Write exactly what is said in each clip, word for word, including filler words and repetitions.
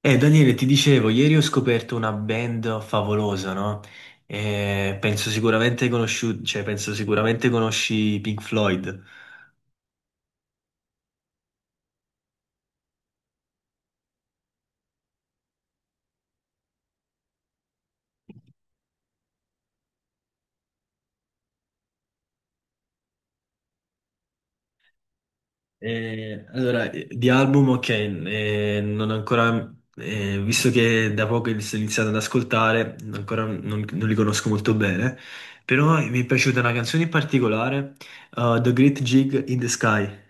Eh, Daniele, ti dicevo, ieri ho scoperto una band favolosa, no? Eh, penso sicuramente conosciu- cioè, penso sicuramente conosci Pink Floyd. Eh, allora, eh, di album, ok, eh, non ho ancora, eh, visto che da poco li sto iniziando ad ascoltare, ancora non, non li conosco molto bene, però mi è piaciuta una canzone in particolare, eh, The Great Gig in the Sky.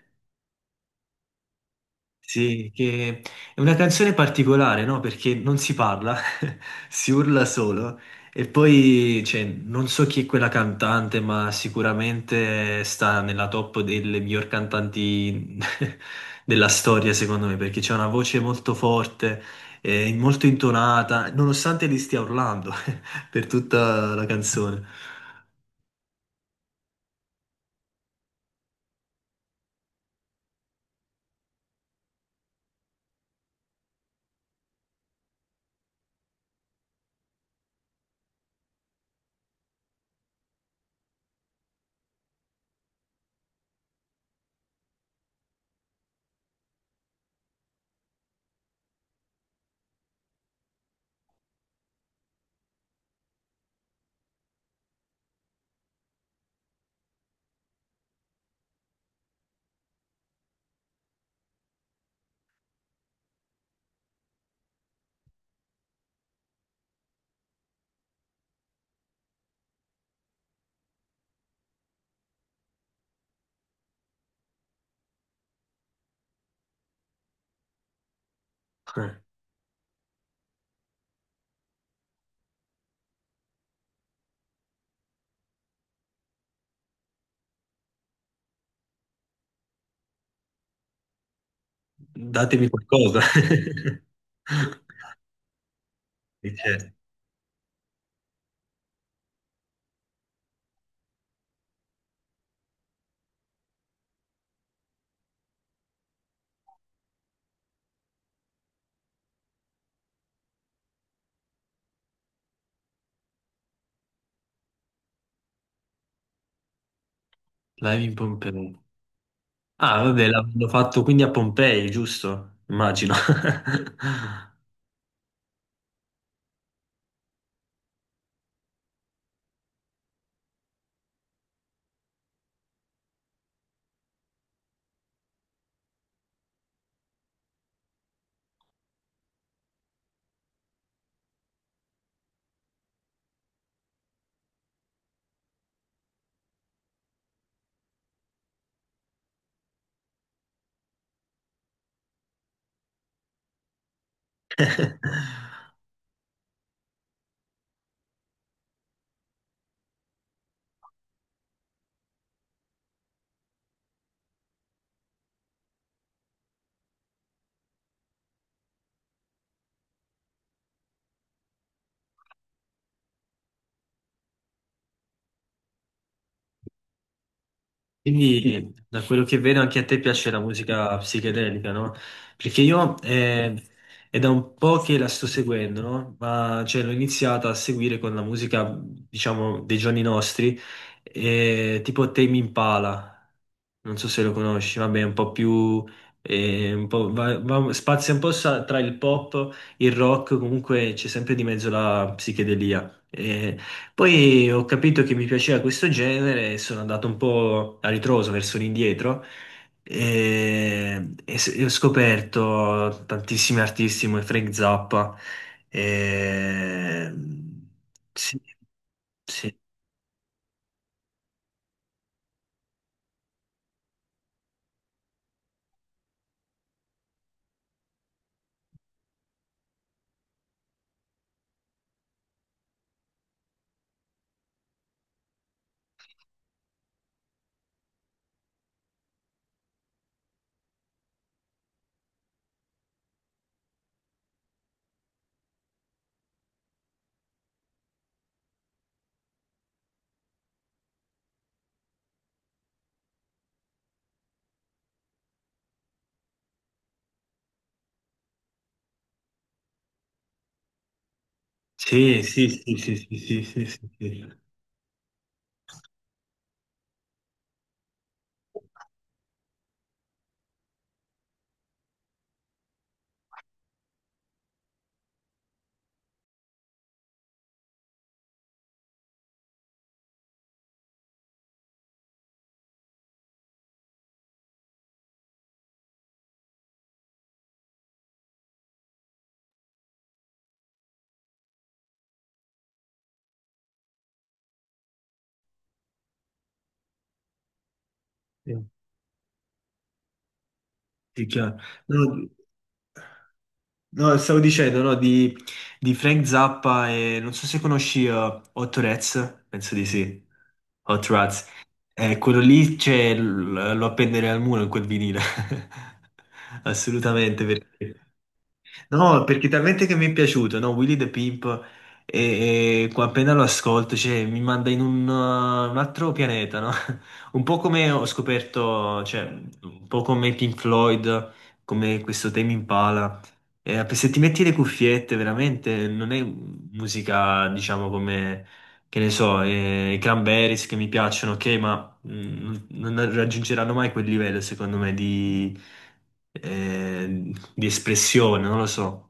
Sì, che è una canzone particolare, no? Perché non si parla, si urla solo. E poi, cioè, non so chi è quella cantante, ma sicuramente sta nella top delle miglior cantanti della storia, secondo me, perché c'è una voce molto forte, eh, molto intonata, nonostante li stia urlando per tutta la canzone. Eh, Datemi qualcosa. Dice, Live in Pompeo. Ah, vabbè, l'hanno fatto quindi a Pompei, giusto? Immagino. Quindi, da quello che vedo, anche a te piace la musica psichedelica, no? Perché io eh, è da un po' che la sto seguendo, no? Ma cioè, l'ho iniziata a seguire con la musica, diciamo, dei giorni nostri, eh, tipo Tame Impala. Non so se lo conosci, vabbè, è un po' più... eh, un po', va- va- spazia un po' sa- tra il pop, il rock, comunque c'è sempre di mezzo la psichedelia. Poi ho capito che mi piaceva questo genere e sono andato un po' a ritroso verso l'indietro e, e s- e ho scoperto tantissimi artisti come Frank Zappa. E sì, sì, sì, sì, sì, sì, sì, sì, sì, sì, sì. Sì, sì, sì, chiaro. No, no, stavo dicendo, no, di, di Frank Zappa e non so se conosci eh, Hot Rats, penso di sì. Hot Rats. Eh, quello lì c'è, l- lo appenderei al muro in quel vinile. Assolutamente, perché... No, perché talmente che mi è piaciuto, no? Willy the Pimp, e, e qua appena lo ascolto, cioè, mi manda in un, uh, un altro pianeta, no? Un po' come ho scoperto, cioè, un po' come Pink Floyd, come questo Tame Impala. E se ti metti le cuffiette, veramente non è musica, diciamo, come, che ne so, eh, i Cranberries che mi piacciono, ok, ma mm, non raggiungeranno mai quel livello, secondo me, di, eh, di espressione, non lo so.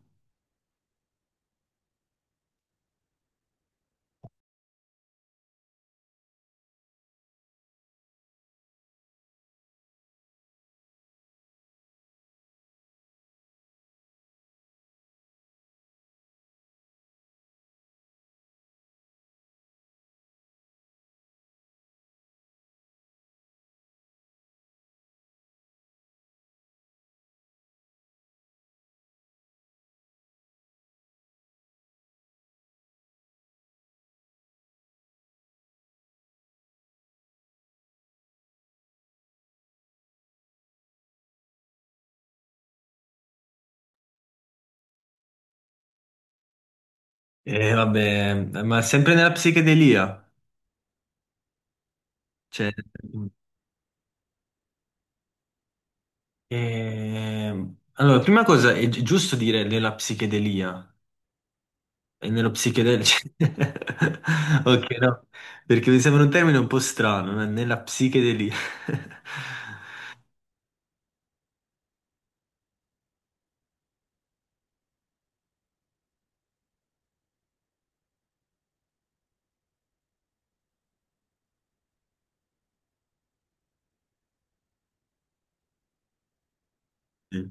E vabbè, ma sempre nella psichedelia. Cioè, eh, allora, prima cosa è gi- giusto dire nella psichedelia. E nello psichedelico? Ok, no, perché mi sembra un termine un po' strano, né? Nella psichedelia. Sì.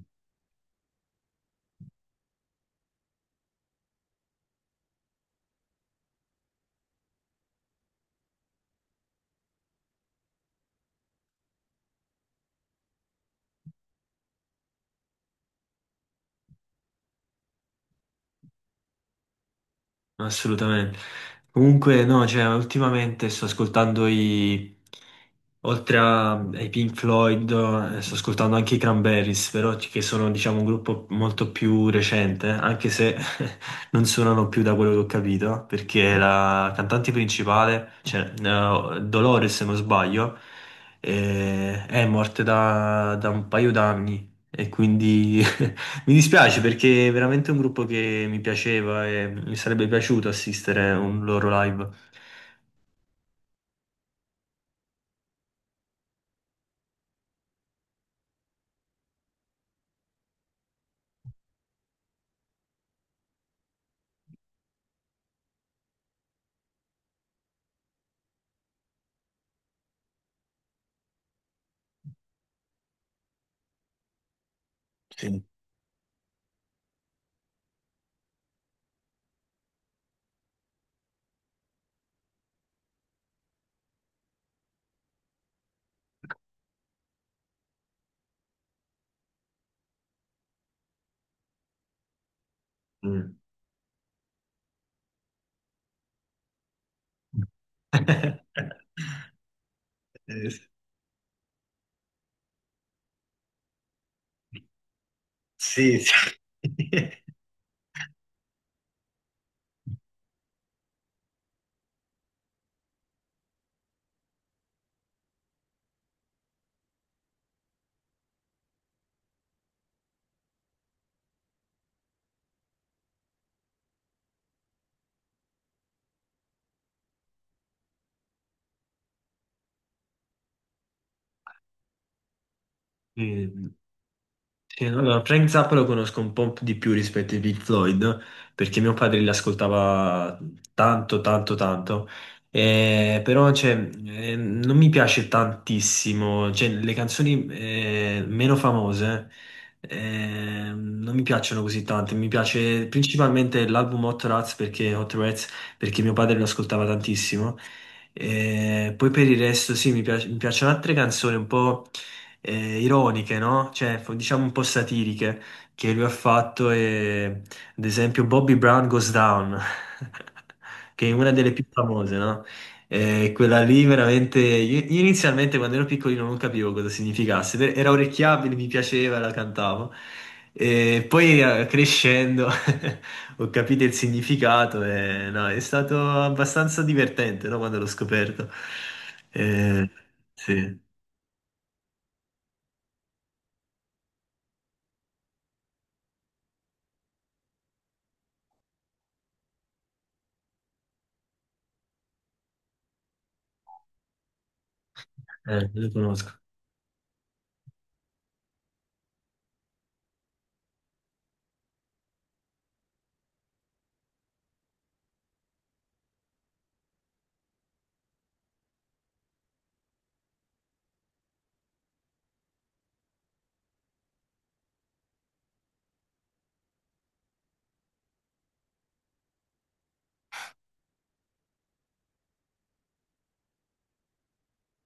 Assolutamente. Comunque, no, cioè, ultimamente sto ascoltando i... Oltre a- ai Pink Floyd, eh, sto ascoltando anche i Cranberries, però c- che sono, diciamo, un gruppo molto più recente, eh, anche se non suonano più da quello che ho capito, perché la cantante principale, cioè, eh, Dolores, se non sbaglio, eh, è morta da, da un paio d'anni e quindi mi dispiace perché è veramente un gruppo che mi piaceva e mi sarebbe piaciuto assistere a un loro live. Sì. Mm. Eh, sì, sì. Mm. Sì, allora, Frank Zappa lo conosco un po' di più rispetto ai Pink Floyd, perché mio padre li ascoltava tanto, tanto, tanto. Eh, però cioè, eh, non mi piace tantissimo. Cioè, le canzoni eh, meno famose eh, non mi piacciono così tante, mi piace principalmente l'album Hot Rats perché, Hot Rats, perché mio padre lo ascoltava tantissimo. Eh, poi per il resto sì, mi piace- mi piacciono altre canzoni un po' eh, ironiche, no? Cioè, fo- diciamo un po' satiriche che lui ha fatto. E, ad esempio, Bobby Brown Goes Down, che è una delle più famose, no? Eh, quella lì veramente. Io, io inizialmente quando ero piccolino non capivo cosa significasse, per- era orecchiabile, mi piaceva, la cantavo. E poi eh, crescendo ho capito il significato e no, è stato abbastanza divertente, no, quando l'ho scoperto. Eh, sì, eh, lo conosco.